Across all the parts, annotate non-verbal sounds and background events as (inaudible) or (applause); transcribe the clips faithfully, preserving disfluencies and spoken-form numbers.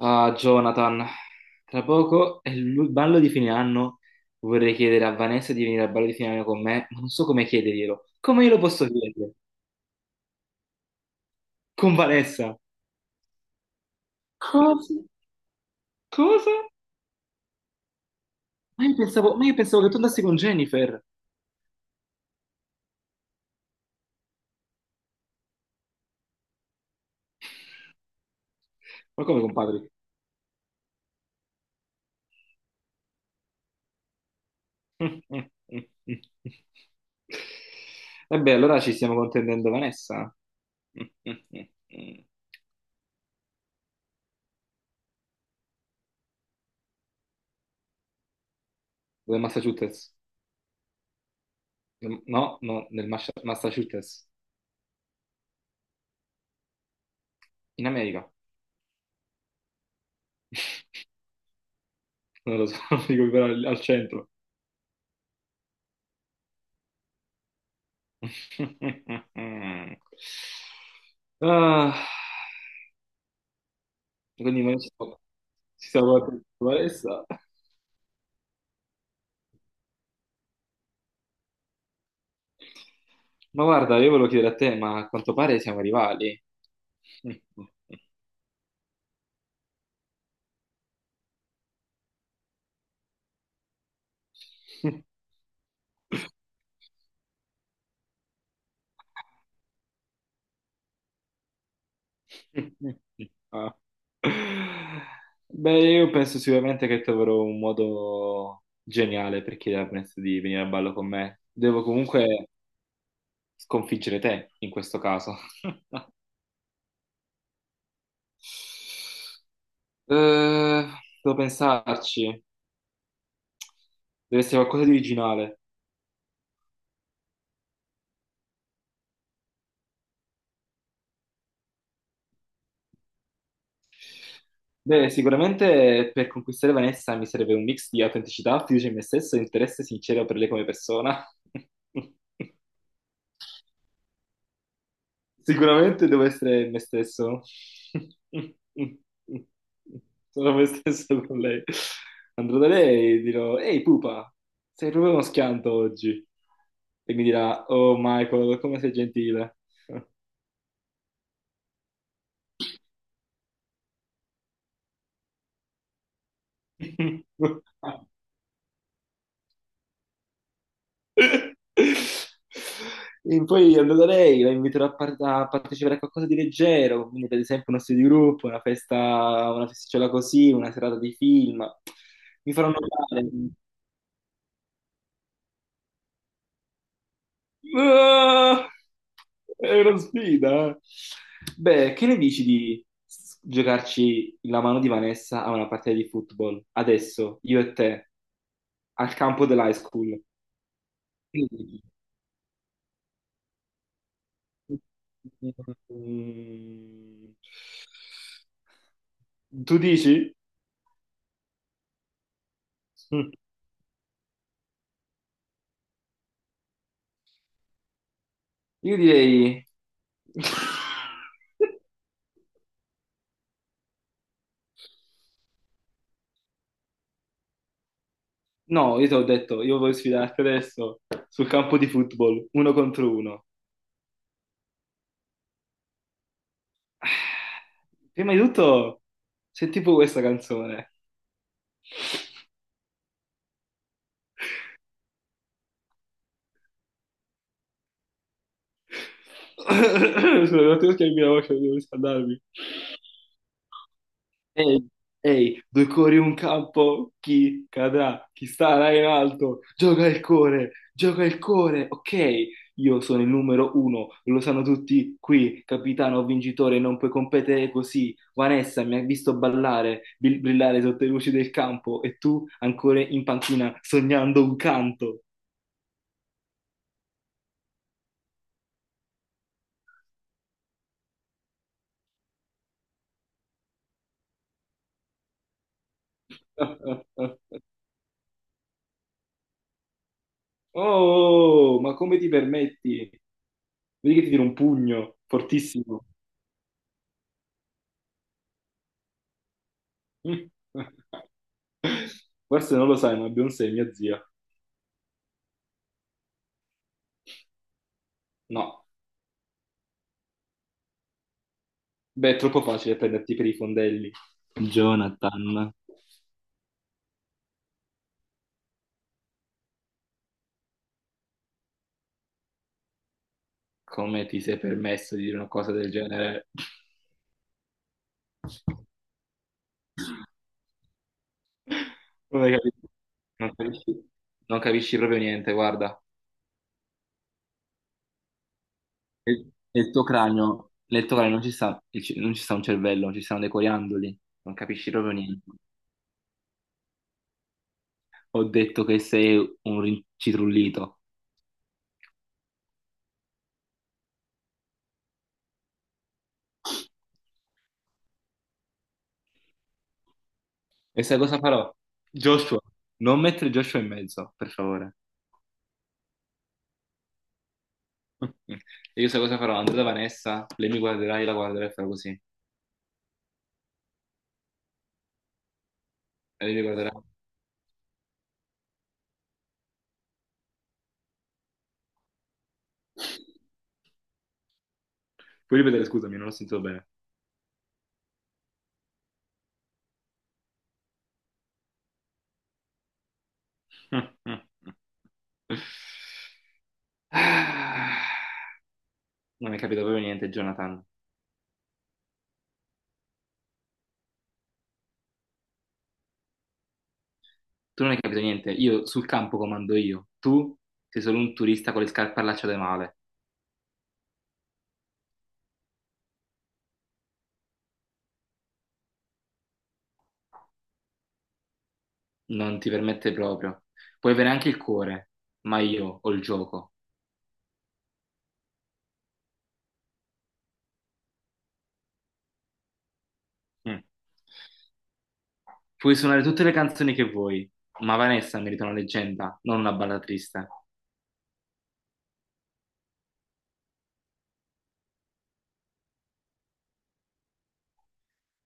Ah, Jonathan, tra poco è il ballo di fine anno. Vorrei chiedere a Vanessa di venire al ballo di fine anno con me, ma non so come chiederglielo. Come glielo posso chiedere? Con Vanessa? Cosa? Cosa? Ma io pensavo, ma io pensavo che tu andassi con Jennifer. Ma come, compadri? (laughs) Vabbè, allora ci stiamo contendendo Vanessa. Del Massachusetts? No, no, nel Massachusetts. In America. (laughs) Non lo so, (laughs) non dico però al al centro. (laughs) Ah, quindi noi siamo- ci siamo guardati con Vanessa. Ma guarda, io volevo chiedere a te, ma a quanto pare siamo rivali. (laughs) Ah. Beh, io penso sicuramente che troverò un modo geniale per chiedermi di venire a ballo con me. Devo comunque sconfiggere te in questo caso. (laughs) Eh, devo pensarci, deve essere qualcosa di originale. Beh, sicuramente per conquistare Vanessa mi serve un mix di autenticità, fiducia in me stesso e interesse sincero per lei come persona. (laughs) Sicuramente devo essere me stesso. (laughs) Sono me stesso con lei. Andrò da lei e dirò: Ehi, pupa, sei proprio uno schianto oggi. E mi dirà: Oh, Michael, come sei gentile. (laughs) E poi andrò da lei, la inviterò a, par- a partecipare a qualcosa di leggero, quindi per esempio uno studio di gruppo, una festa, una festicciola così, una serata di film. Mi farò notare. Ah, è una sfida, eh. Beh, che ne dici di s- giocarci la mano di Vanessa a una partita di football? Adesso, io e te, al campo dell'high school. Che ne dici? (laughs) Mm. Tu dici? Mm. Io direi... (laughs) No, io ti ho detto, io voglio sfidarti adesso sul campo di football, uno contro uno. Prima di tutto, senti tipo questa canzone. (coughs) Scusa, non ti schiaccio la voce, devo riscaldarmi. Ehi, ehi, due cuori un campo, chi cadrà, chi starà in alto, gioca il cuore, gioca il cuore, ok? Io sono il numero uno, lo sanno tutti qui, capitano vincitore, non puoi competere così. Vanessa mi ha visto ballare, bil- brillare sotto le luci del campo e tu ancora in panchina sognando un canto. (laughs) Oh, ma come ti permetti? Vedi che ti tiro un pugno, fortissimo. (laughs) Forse non lo sai, ma Beyoncé è mia zia. No, beh, è troppo facile prenderti per i fondelli. Jonathan, come ti sei permesso di dire una cosa del genere? Non hai capito. Non capisci, non capisci proprio niente, guarda. E- nel tuo cranio, nel tuo cranio non ci sta, il ce- non ci sta un cervello, ci stanno dei coriandoli, non capisci proprio niente. Ho detto che sei un rincitrullito. E sai cosa farò? Joshua, non mettere Joshua in mezzo, per favore. (laughs) E io sai cosa farò? Andrò da Vanessa, lei mi guarderà, io la guarderò e farò così. E lei mi guarderà. Puoi ripetere, scusami, non ho sentito bene. (laughs) Ah, non hai capito proprio niente, Jonathan. Tu non hai capito niente. Io sul campo comando io. Tu sei solo un turista con le scarpe allacciate male. Non ti permette proprio. Puoi avere anche il cuore, ma io ho il gioco. Mm. Puoi suonare tutte le canzoni che vuoi, ma Vanessa merita una leggenda, non una balla triste.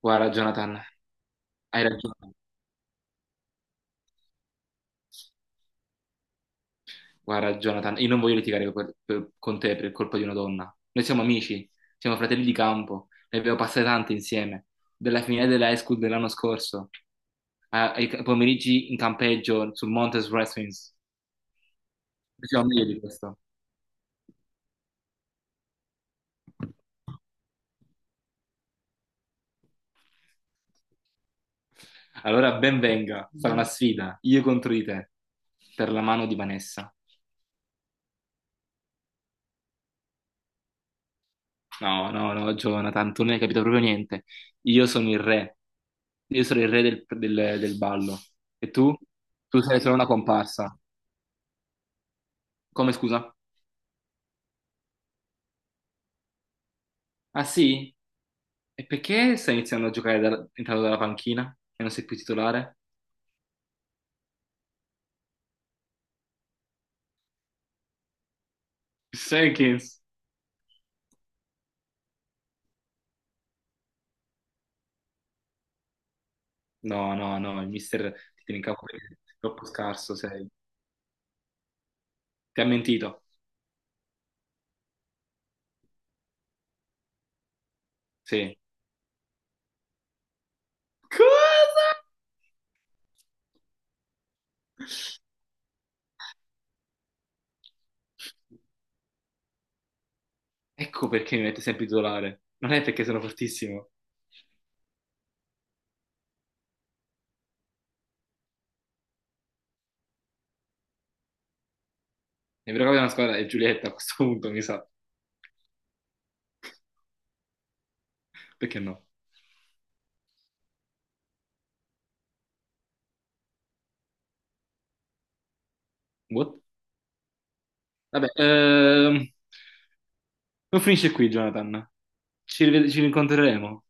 Guarda, Jonathan, hai ragione. Guarda, Jonathan, io non voglio litigare per- per- con te per colpa di una donna. Noi siamo amici, siamo fratelli di campo, ne abbiamo passate tante insieme, dalla finale dell'high school dell'anno scorso, a- ai ca- pomeriggi in campeggio sul Monte Wrestlings. Noi siamo meglio di questo. Allora, ben venga, sarà una sfida, io contro di te, per la mano di Vanessa. No, no, no, Jonathan, tu non hai capito proprio niente. Io sono il re. Io sono il re del, del- del ballo. E tu? Tu sei solo una comparsa. Come scusa? Ah sì? E perché stai iniziando a giocare dal- entrando dalla panchina e non sei più titolare? Jenkins. No, no, no, il mister ti tiene in capo perché sei troppo scarso, sei. Ti ha mentito. Sì. Cosa? Ecco perché mi mette sempre titolare. Non è perché sono fortissimo. È vero che una squadra è Giulietta a questo punto, mi sa. Perché no? What? Vabbè, ehm, non finisce qui, Jonathan. Ci, rived- ci rincontreremo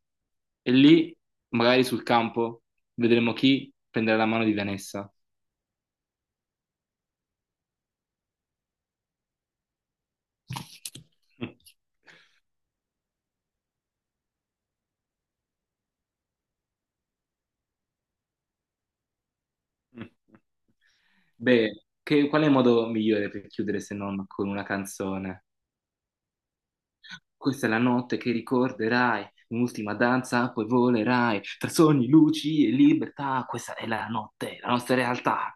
e lì, magari sul campo, vedremo chi prenderà la mano di Vanessa. (laughs) Beh, che- qual è il modo migliore per chiudere se non con una canzone? Questa è la notte che ricorderai, un'ultima danza, poi volerai, tra sogni, luci e libertà. Questa è la notte, la nostra realtà.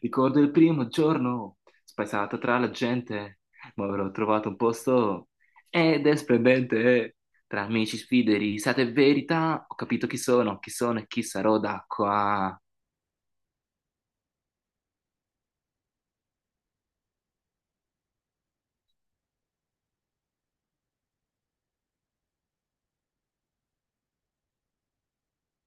Ricordo il primo giorno, spaesato tra la gente, ma avrò trovato un posto ed è splendente. Tra amici, sfide, risate e verità, ho capito chi sono, chi sono e chi sarò da qua.